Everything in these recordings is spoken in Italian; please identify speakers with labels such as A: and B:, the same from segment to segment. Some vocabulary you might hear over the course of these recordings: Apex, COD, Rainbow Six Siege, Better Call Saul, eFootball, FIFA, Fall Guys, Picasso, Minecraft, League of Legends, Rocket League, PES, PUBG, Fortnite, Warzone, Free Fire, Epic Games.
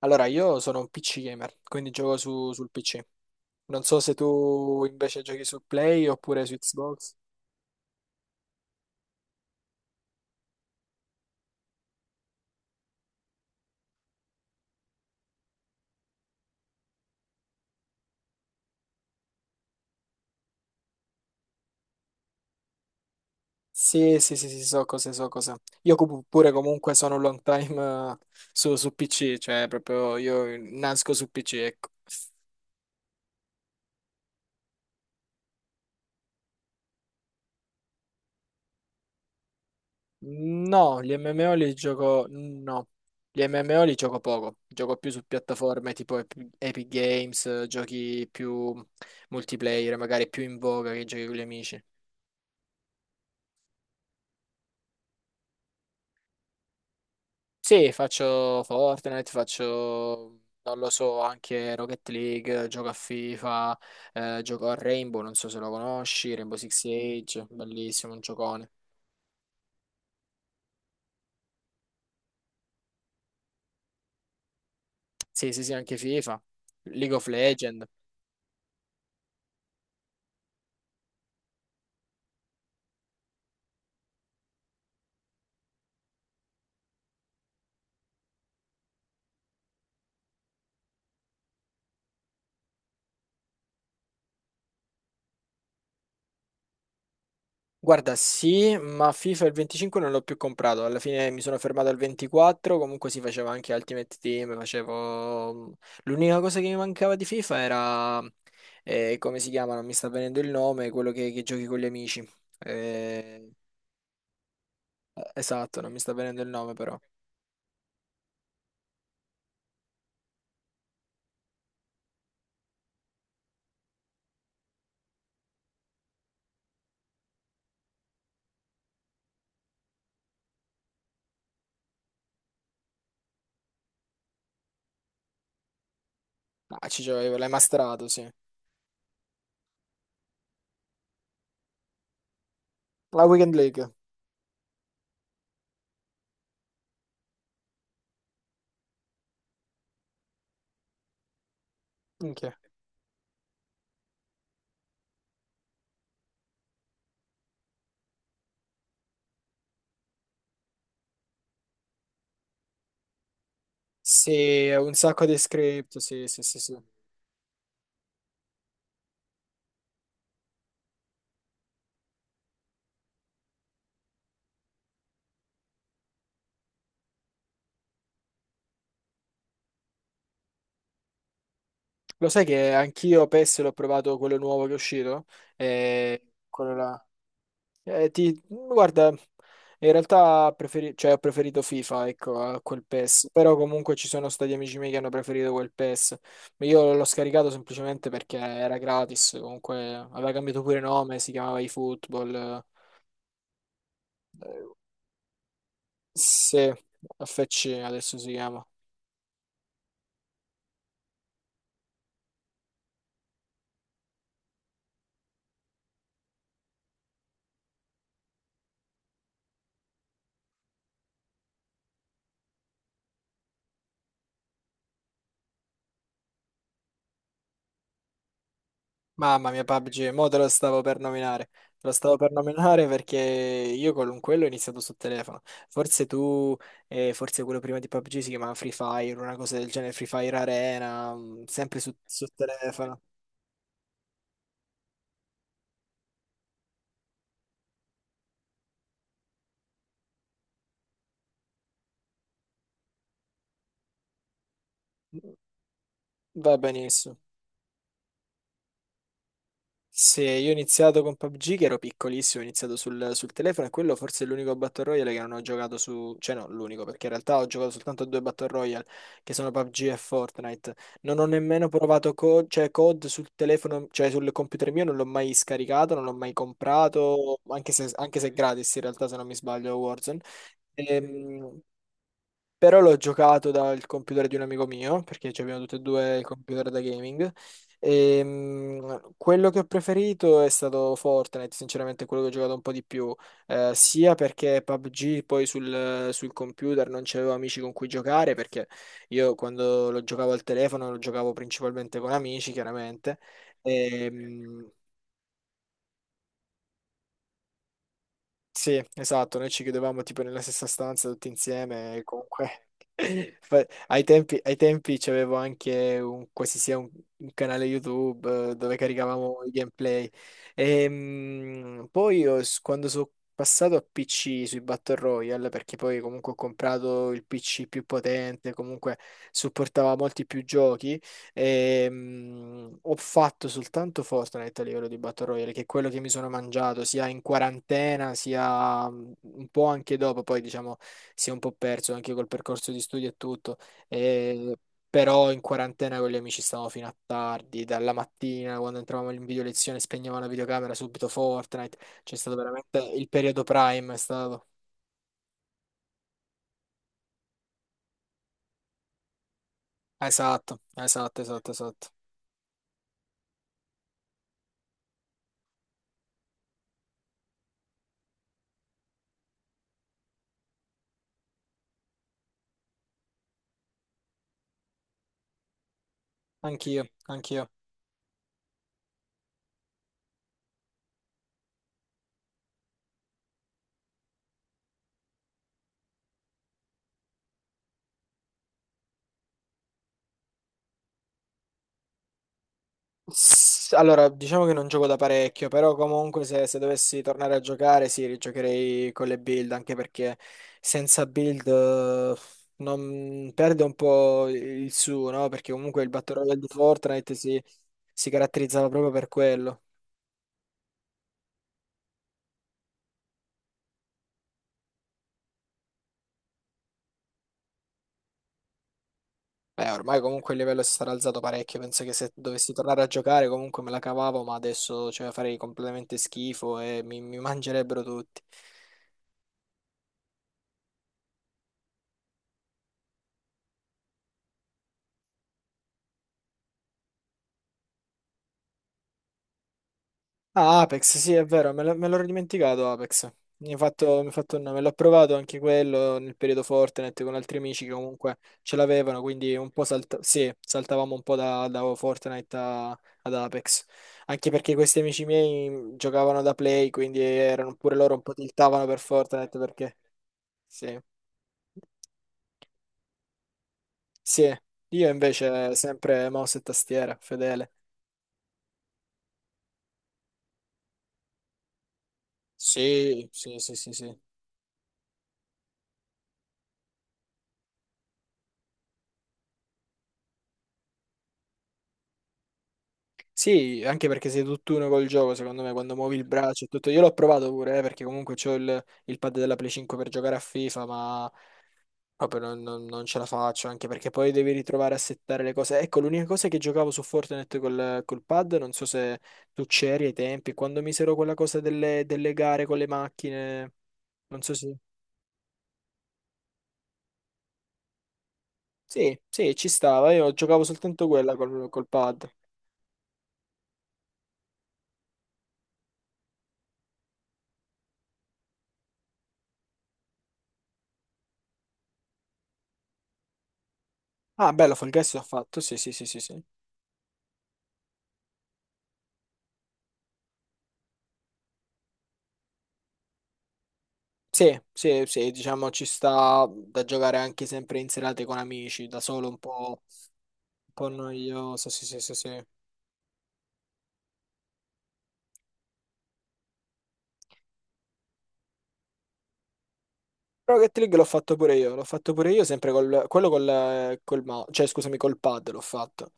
A: Allora, io sono un PC gamer, quindi gioco sul PC. Non so se tu invece giochi su Play oppure su Xbox. Sì, sì, sì, sì, so cose, so cose. Pure comunque sono un long time eh, su, su PC, cioè proprio io nasco su PC, ecco. No, gli MMO li gioco... no. Gli MMO li gioco poco, gioco più su piattaforme tipo Epic Games, giochi più multiplayer, magari più in voga che giochi con gli amici. Sì, faccio Fortnite, faccio, non lo so, anche Rocket League, gioco a FIFA, gioco a Rainbow, non so se lo conosci, Rainbow Six Siege, bellissimo, un giocone. Sì, sì, sì, anche FIFA, League of Legends. Guarda, sì, ma FIFA il 25 non l'ho più comprato, alla fine mi sono fermato al 24, comunque si faceva anche Ultimate Team, facevo... l'unica cosa che mi mancava di FIFA era, come si chiama, non mi sta venendo il nome, quello che giochi con gli amici. Eh, Esatto, non mi sta venendo il nome però. Ah, ci giovevo, l'hai masterato, sì. La Weekend League. Minchia. Sì, un sacco di script, sì, sì, sì, sì. Lo sai che anch'io PES l'ho provato quello nuovo che è uscito? E quello là. Guarda, in realtà cioè, ho preferito FIFA, ecco, a quel PES. Però comunque ci sono stati amici miei che hanno preferito quel PES. Ma io l'ho scaricato semplicemente perché era gratis, comunque aveva cambiato pure nome, si chiamava eFootball. Sì, FC adesso si chiama. Mamma mia, PUBG, mo te lo stavo per nominare. Te lo stavo per nominare perché io con quello ho iniziato sul telefono. Forse tu, Forse quello prima di PUBG si chiamava Free Fire, una cosa del genere, Free Fire Arena, sempre su, su telefono. Va benissimo. Se io ho iniziato con PUBG, che ero piccolissimo, ho iniziato sul telefono e quello forse è l'unico Battle Royale che non ho giocato su... Cioè no, l'unico, perché in realtà ho giocato soltanto a due Battle Royale, che sono PUBG e Fortnite. Non ho nemmeno provato cioè, COD sul telefono, cioè sul computer mio, non l'ho mai scaricato, non l'ho mai comprato, anche se è gratis in realtà, se non mi sbaglio, Warzone. Ehm, Però l'ho giocato dal computer di un amico mio, perché ci abbiamo tutti e due il computer da gaming. Quello che ho preferito è stato Fortnite, sinceramente quello che ho giocato un po' di più, sia perché PUBG poi sul computer non c'avevo amici con cui giocare, perché io quando lo giocavo al telefono lo giocavo principalmente con amici, chiaramente. E, mm, Sì, esatto, noi ci chiudevamo tipo nella stessa stanza tutti insieme e comunque ai tempi c'avevo anche un, quasi sia un canale YouTube dove caricavamo i gameplay. Quando sono passato a PC sui Battle Royale, perché poi comunque ho comprato il PC più potente, comunque supportava molti più giochi. Ho fatto soltanto Fortnite a livello di Battle Royale, che è quello che mi sono mangiato sia in quarantena, sia un po' anche dopo, poi diciamo si è un po' perso anche col percorso di studio e tutto. Eh, Però in quarantena con gli amici stavamo fino a tardi, dalla mattina quando entravamo in video lezione spegnevamo la videocamera subito Fortnite, c'è stato veramente il periodo prime, è stato. Esatto, esatto, esatto, esatto. Anch'io, anch'io. Allora, diciamo che non gioco da parecchio, però comunque se, se dovessi tornare a giocare, sì, rigiocherei con le build, anche perché senza build perde un po' il suo, no? Perché comunque il Battle Royale di Fortnite si caratterizzava proprio per quello. Beh, ormai comunque il livello si sarà alzato parecchio, penso che se dovessi tornare a giocare comunque me la cavavo, ma adesso cioè, farei completamente schifo e mi mangerebbero tutti. Ah, Apex, sì, è vero, me l'ero dimenticato Apex. Mi ha fatto un nome, l'ho provato anche quello nel periodo Fortnite con altri amici che comunque ce l'avevano, quindi un po' sì, saltavamo un po' da, da Fortnite ad Apex. Anche perché questi amici miei giocavano da Play, quindi erano pure loro un po' tiltavano per Fortnite perché... Sì, sì, io invece sempre mouse e tastiera, fedele. Sì, sì, sì, sì, sì. Sì, anche perché sei tutt'uno col gioco, secondo me, quando muovi il braccio e tutto. Io l'ho provato pure, perché comunque c'ho il pad della Play 5 per giocare a FIFA, ma proprio non ce la faccio, anche perché poi devi ritrovare a settare le cose. Ecco, l'unica cosa è che giocavo su Fortnite col, col pad, non so se tu c'eri ai tempi, quando misero quella cosa delle, delle gare con le macchine, non so se... Sì, sì, ci stava, io giocavo soltanto quella col, col pad. Ah, bello, Fall Guys ho fatto, sì, sì, sì, sì, sì. Sì, sì, sì, diciamo ci sta da giocare anche sempre in serate con amici, da solo un po' noioso, sì, sì, sì, sì. Rocket League l'ho fatto pure io, l'ho fatto pure io sempre col, quello col, col mouse, cioè scusami, col pad l'ho fatto.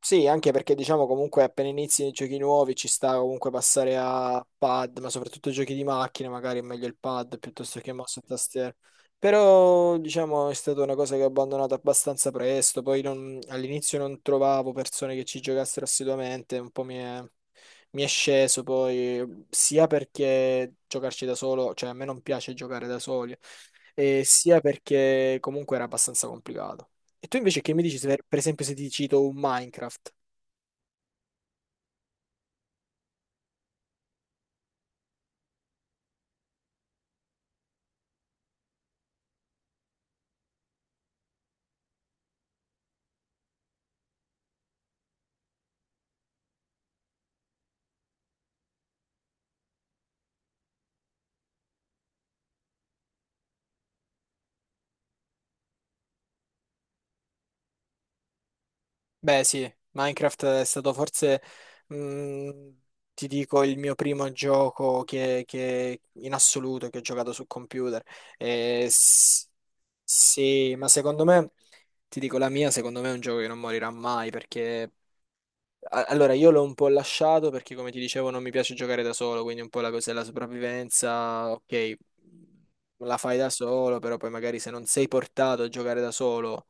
A: Sì, anche perché diciamo comunque appena inizi nei giochi nuovi ci sta comunque passare a pad, ma soprattutto giochi di macchina, magari è meglio il pad piuttosto che mouse e tastiera. Però diciamo è stata una cosa che ho abbandonato abbastanza presto, poi all'inizio non trovavo persone che ci giocassero assiduamente, un po' mi è sceso poi, sia perché giocarci da solo, cioè a me non piace giocare da soli, e sia perché comunque era abbastanza complicato. E tu invece che mi dici, se, per esempio, se ti cito un Minecraft? Beh, sì, Minecraft è stato forse, mh, ti dico, il mio primo gioco in assoluto che ho giocato su computer. E s- sì, ma secondo me, ti dico, secondo me è un gioco che non morirà mai perché allora, io l'ho un po' lasciato perché, come ti dicevo, non mi piace giocare da solo, quindi un po' la cosa della sopravvivenza, ok, la fai da solo, però poi magari se non sei portato a giocare da solo,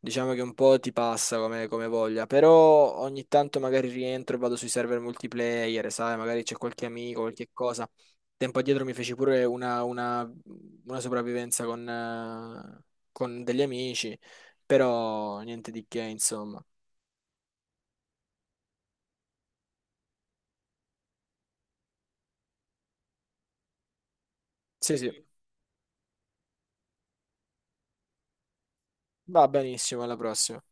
A: diciamo che un po' ti passa come, come voglia, però ogni tanto magari rientro e vado sui server multiplayer, sai, magari c'è qualche amico, qualche cosa. Tempo addietro mi feci pure una sopravvivenza con degli amici, però niente di che, insomma. Sì, sì. Va benissimo, alla prossima.